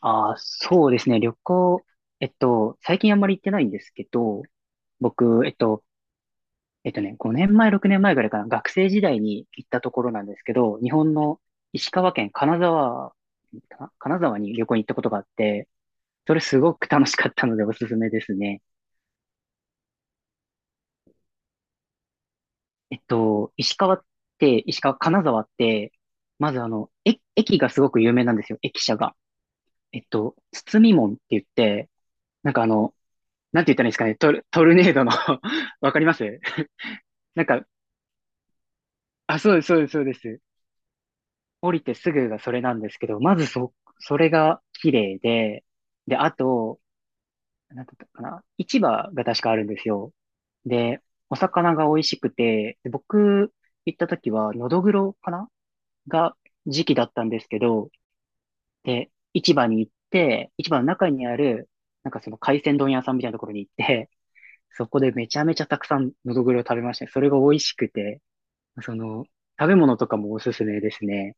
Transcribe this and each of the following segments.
ああ、そうですね。旅行、最近あんまり行ってないんですけど、僕、5年前、6年前ぐらいかな、学生時代に行ったところなんですけど、日本の石川県金沢かな、金沢に旅行に行ったことがあって、それすごく楽しかったのでおすすめですね。石川って、石川、金沢って、まず駅がすごく有名なんですよ、駅舎が。包み門って言って、なんかなんて言ったらいいんですかね、トルネードの わかります。なんか、あ、そうです、そうです、そうです。降りてすぐがそれなんですけど、まずそれが綺麗で、で、あと、なんだったかな、市場が確かあるんですよ。で、お魚が美味しくて、で僕行った時は、ノドグロかなが時期だったんですけど、で、市場に行って、市場の中にある、なんかその海鮮丼屋さんみたいなところに行って、そこでめちゃめちゃたくさんノドグロを食べましたね。それが美味しくて、その、食べ物とかもおすすめですね。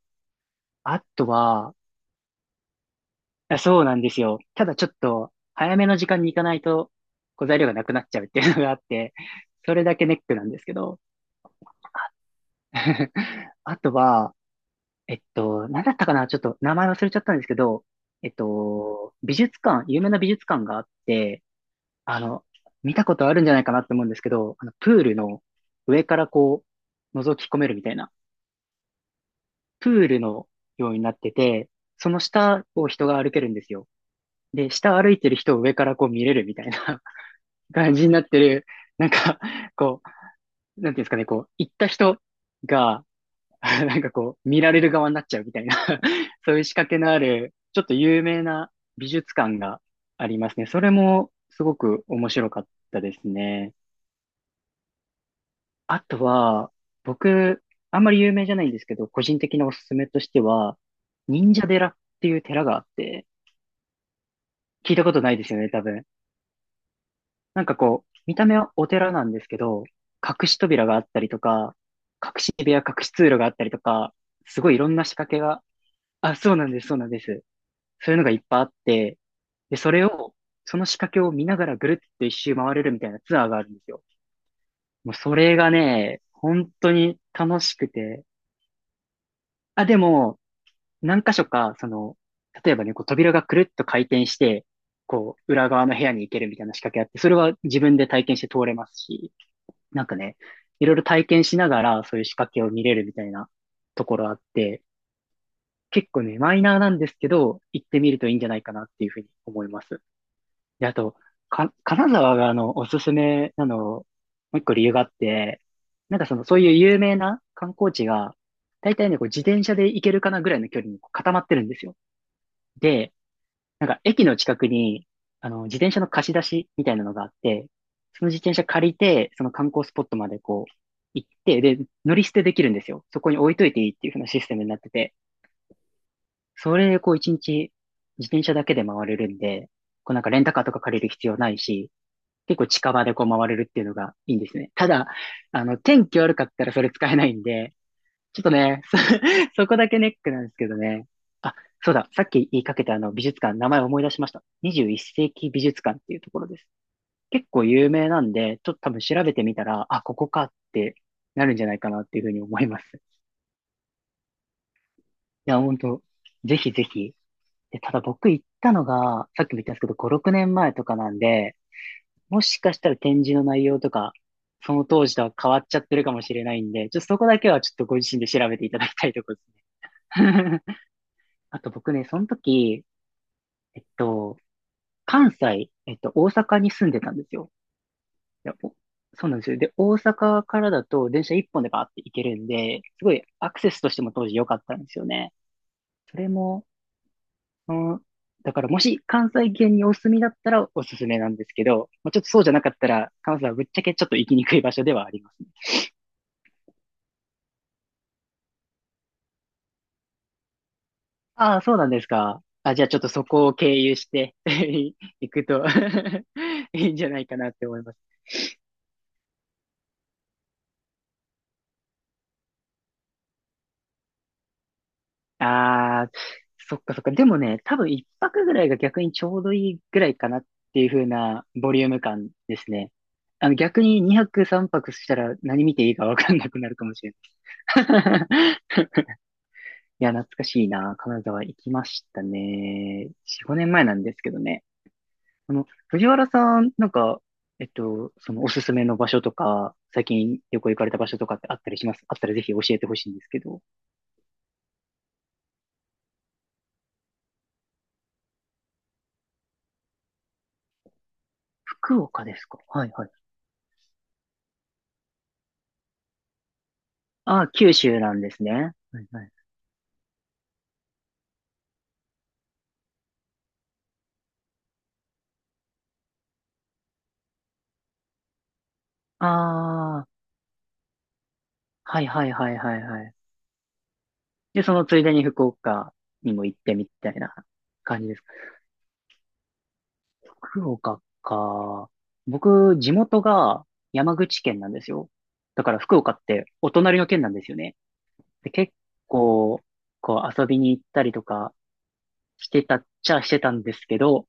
あとは、あそうなんですよ。ただちょっと、早めの時間に行かないと、こう材料がなくなっちゃうっていうのがあって、それだけネックなんですけど。あとは、なんだったかなちょっと名前忘れちゃったんですけど、美術館、有名な美術館があって、あの、見たことあるんじゃないかなって思うんですけど、あの、プールの上からこう、覗き込めるみたいな。プールのようになってて、その下を人が歩けるんですよ。で、下歩いてる人を上からこう見れるみたいな 感じになってる、なんか、こう、なんていうんですかね、こう、行った人が、なんかこう、見られる側になっちゃうみたいな そういう仕掛けのある、ちょっと有名な美術館がありますね。それもすごく面白かったですね。あとは、僕、あんまり有名じゃないんですけど、個人的なおすすめとしては、忍者寺っていう寺があって、聞いたことないですよね、多分。なんかこう、見た目はお寺なんですけど、隠し扉があったりとか、隠し部屋、隠し通路があったりとか、すごいいろんな仕掛けが、あ、そうなんです、そうなんです。そういうのがいっぱいあって、で、それを、その仕掛けを見ながらぐるっと一周回れるみたいなツアーがあるんですよ。もうそれがね、本当に楽しくて。あ、でも、何箇所か、その、例えばね、こう扉がくるっと回転して、こう、裏側の部屋に行けるみたいな仕掛けあって、それは自分で体験して通れますし、なんかね、いろいろ体験しながら、そういう仕掛けを見れるみたいなところあって、結構ね、マイナーなんですけど、行ってみるといいんじゃないかなっていうふうに思います。で、あと、金沢がおすすめなの、もう一個理由があって、なんかその、そういう有名な観光地が、大体ね、こう自転車で行けるかなぐらいの距離にこう固まってるんですよ。で、なんか駅の近くに、自転車の貸し出しみたいなのがあって、その自転車借りて、その観光スポットまでこう、行って、で、乗り捨てできるんですよ。そこに置いといていいっていう風なシステムになってて、それでこう一日自転車だけで回れるんで、こうなんかレンタカーとか借りる必要ないし、結構近場でこう回れるっていうのがいいんですね。ただ、天気悪かったらそれ使えないんで、ちょっとね、そこだけネックなんですけどね。あ、そうだ、さっき言いかけたあの美術館、名前思い出しました。21世紀美術館っていうところです。結構有名なんで、ちょっと多分調べてみたら、あ、ここかってなるんじゃないかなっていうふうに思います。いや、本当ぜひぜひ。で、ただ僕行ったのが、さっきも言ったんですけど、5、6年前とかなんで、もしかしたら展示の内容とか、その当時とは変わっちゃってるかもしれないんで、ちょっとそこだけはちょっとご自身で調べていただきたいところですね。あと僕ね、その時、えっと、関西、大阪に住んでたんですよ。いやそうなんですよ。で、大阪からだと電車一本でバーって行けるんで、すごいアクセスとしても当時良かったんですよね。それも、うん、だからもし関西圏にお住みだったらおすすめなんですけど、まあ、ちょっとそうじゃなかったら関西はぶっちゃけちょっと行きにくい場所ではありますね。ああ、そうなんですか。あ、じゃあちょっとそこを経由して 行くと いいんじゃないかなって思います。ああ、そっかそっか。でもね、多分一泊ぐらいが逆にちょうどいいぐらいかなっていう風なボリューム感ですね。逆に2泊3泊したら何見ていいかわかんなくなるかもしれない。いや、懐かしいな。金沢行きましたね。4、5年前なんですけどね。藤原さん、そのおすすめの場所とか、最近旅行行かれた場所とかってあったりしますあったらぜひ教えてほしいんですけど。福岡ですか？はいはい。あ、九州なんですね。はいはい。ああ、はいはいはいはいはい。で、そのついでに福岡にも行ってみたいな感じですか？福岡か。僕、地元が山口県なんですよ。だから福岡ってお隣の県なんですよね。で、結構、こう遊びに行ったりとかしてたっちゃしてたんですけど、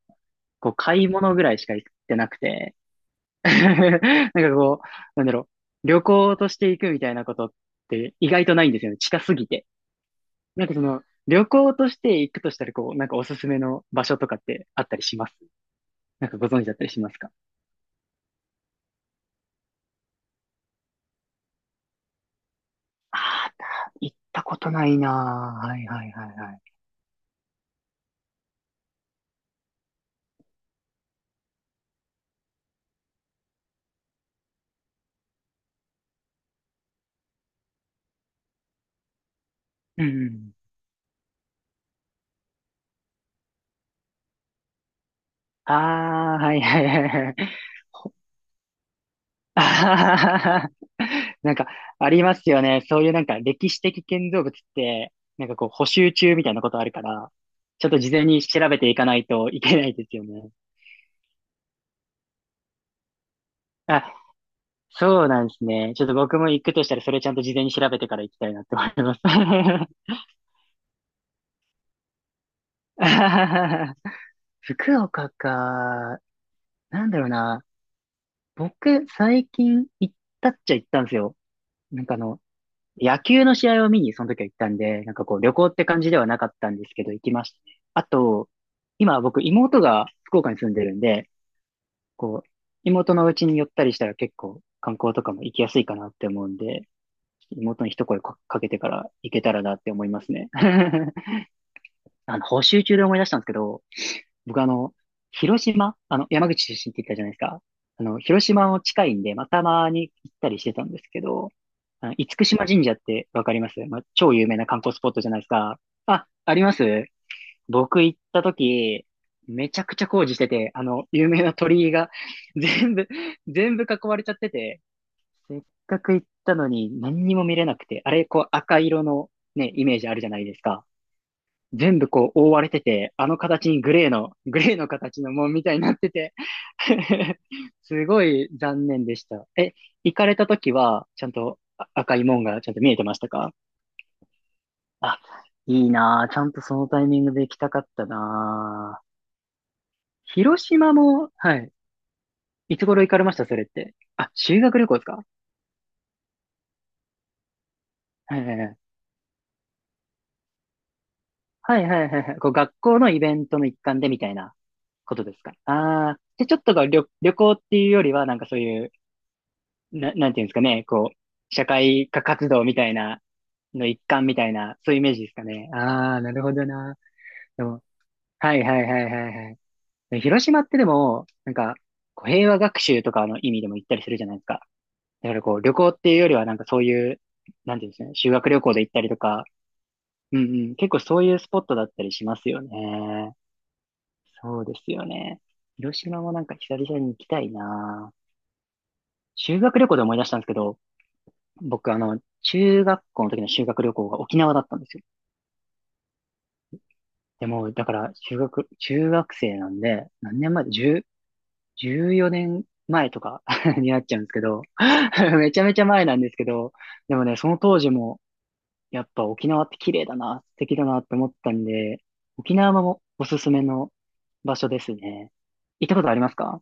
こう買い物ぐらいしか行ってなくて、なんかこう、なんだろう、旅行として行くみたいなことって意外とないんですよね。近すぎて。なんかその、旅行として行くとしたら、こう、なんかおすすめの場所とかってあったりしますなんかご存知だったりしますか？ああー、行ったことないなぁ。はいはいはいはい。うんうん。ああ、はいはいはいはい。あははは。なんか、ありますよね。そういうなんか歴史的建造物って、なんかこう補修中みたいなことあるから、ちょっと事前に調べていかないといけないですよね。あ、そうなんですね。ちょっと僕も行くとしたらそれちゃんと事前に調べてから行きたいなって思います。あははは。福岡か。なんだろうな。僕、最近行ったっちゃ行ったんですよ。なんか野球の試合を見にその時は行ったんで、なんかこう旅行って感じではなかったんですけど、行きましたね。あと、今僕妹が福岡に住んでるんで、こう、妹のうちに寄ったりしたら結構観光とかも行きやすいかなって思うんで、妹に一声かけてから行けたらなって思いますね。あの、補習中で思い出したんですけど、僕広島、山口出身って言ったじゃないですか。あの、広島も近いんで、まあ、たまに行ったりしてたんですけど、あの、厳島神社ってわかります？まあ、超有名な観光スポットじゃないですか。あ、あります？僕行った時、めちゃくちゃ工事してて、あの、有名な鳥居が 全部、全部囲われちゃってて、せっかく行ったのに何にも見れなくて、あれ、こう赤色のね、イメージあるじゃないですか。全部こう覆われてて、あの形にグレーの、グレーの形の門みたいになってて すごい残念でした。え、行かれた時は、ちゃんとあ赤い門がちゃんと見えてましたか？あ、いいなぁ。ちゃんとそのタイミングで行きたかったなぁ。広島も、はい。いつ頃行かれました？それって。あ、修学旅行ですか？はいはいはい。はいはいはいはい。こう学校のイベントの一環でみたいなことですか。ああー。で、ちょっとが旅、旅行っていうよりは、なんかそういうな、なんていうんですかね、こう、社会科活動みたいな、の一環みたいな、そういうイメージですかね。ああ、なるほどな。でも、はいはいはいはいはい。広島ってでも、なんか、こう平和学習とかの意味でも行ったりするじゃないですか。だからこう、旅行っていうよりはなんかそういう、なんていうんですかね、修学旅行で行ったりとか、うんうん、結構そういうスポットだったりしますよね。そうですよね。広島もなんか久々に行きたいな。修学旅行で思い出したんですけど、僕、あの、中学校の時の修学旅行が沖縄だったんですよ。でも、だから、修学、中学生なんで、何年前？ 10、14年前とか になっちゃうんですけど、めちゃめちゃ前なんですけど、でもね、その当時も、やっぱ沖縄って綺麗だな、素敵だなって思ったんで、沖縄もおすすめの場所ですね。行ったことありますか？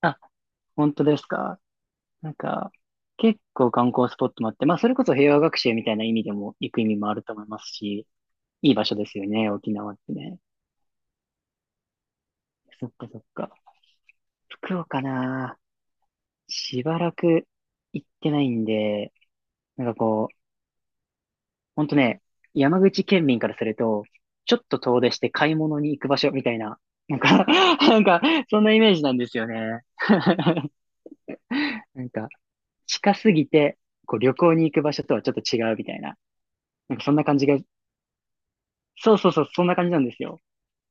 あ、本当ですか？なんか、結構観光スポットもあって、まあ、それこそ平和学習みたいな意味でも行く意味もあると思いますし、いい場所ですよね、沖縄ってね。そっかそっか。福岡なぁ。しばらく行ってないんで、なんかこう、ほんとね、山口県民からすると、ちょっと遠出して買い物に行く場所みたいな、なんか なんか、そんなイメージなんですよね。なんか、近すぎて、こう旅行に行く場所とはちょっと違うみたいな。なんかそんな感じが、そうそうそう、そんな感じなんですよ。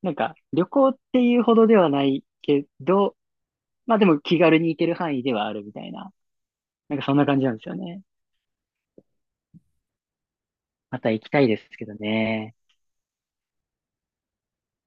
なんか、旅行っていうほどではないけど、まあでも気軽に行ける範囲ではあるみたいな。なんかそんな感じなんですよね。また行きたいですけどね。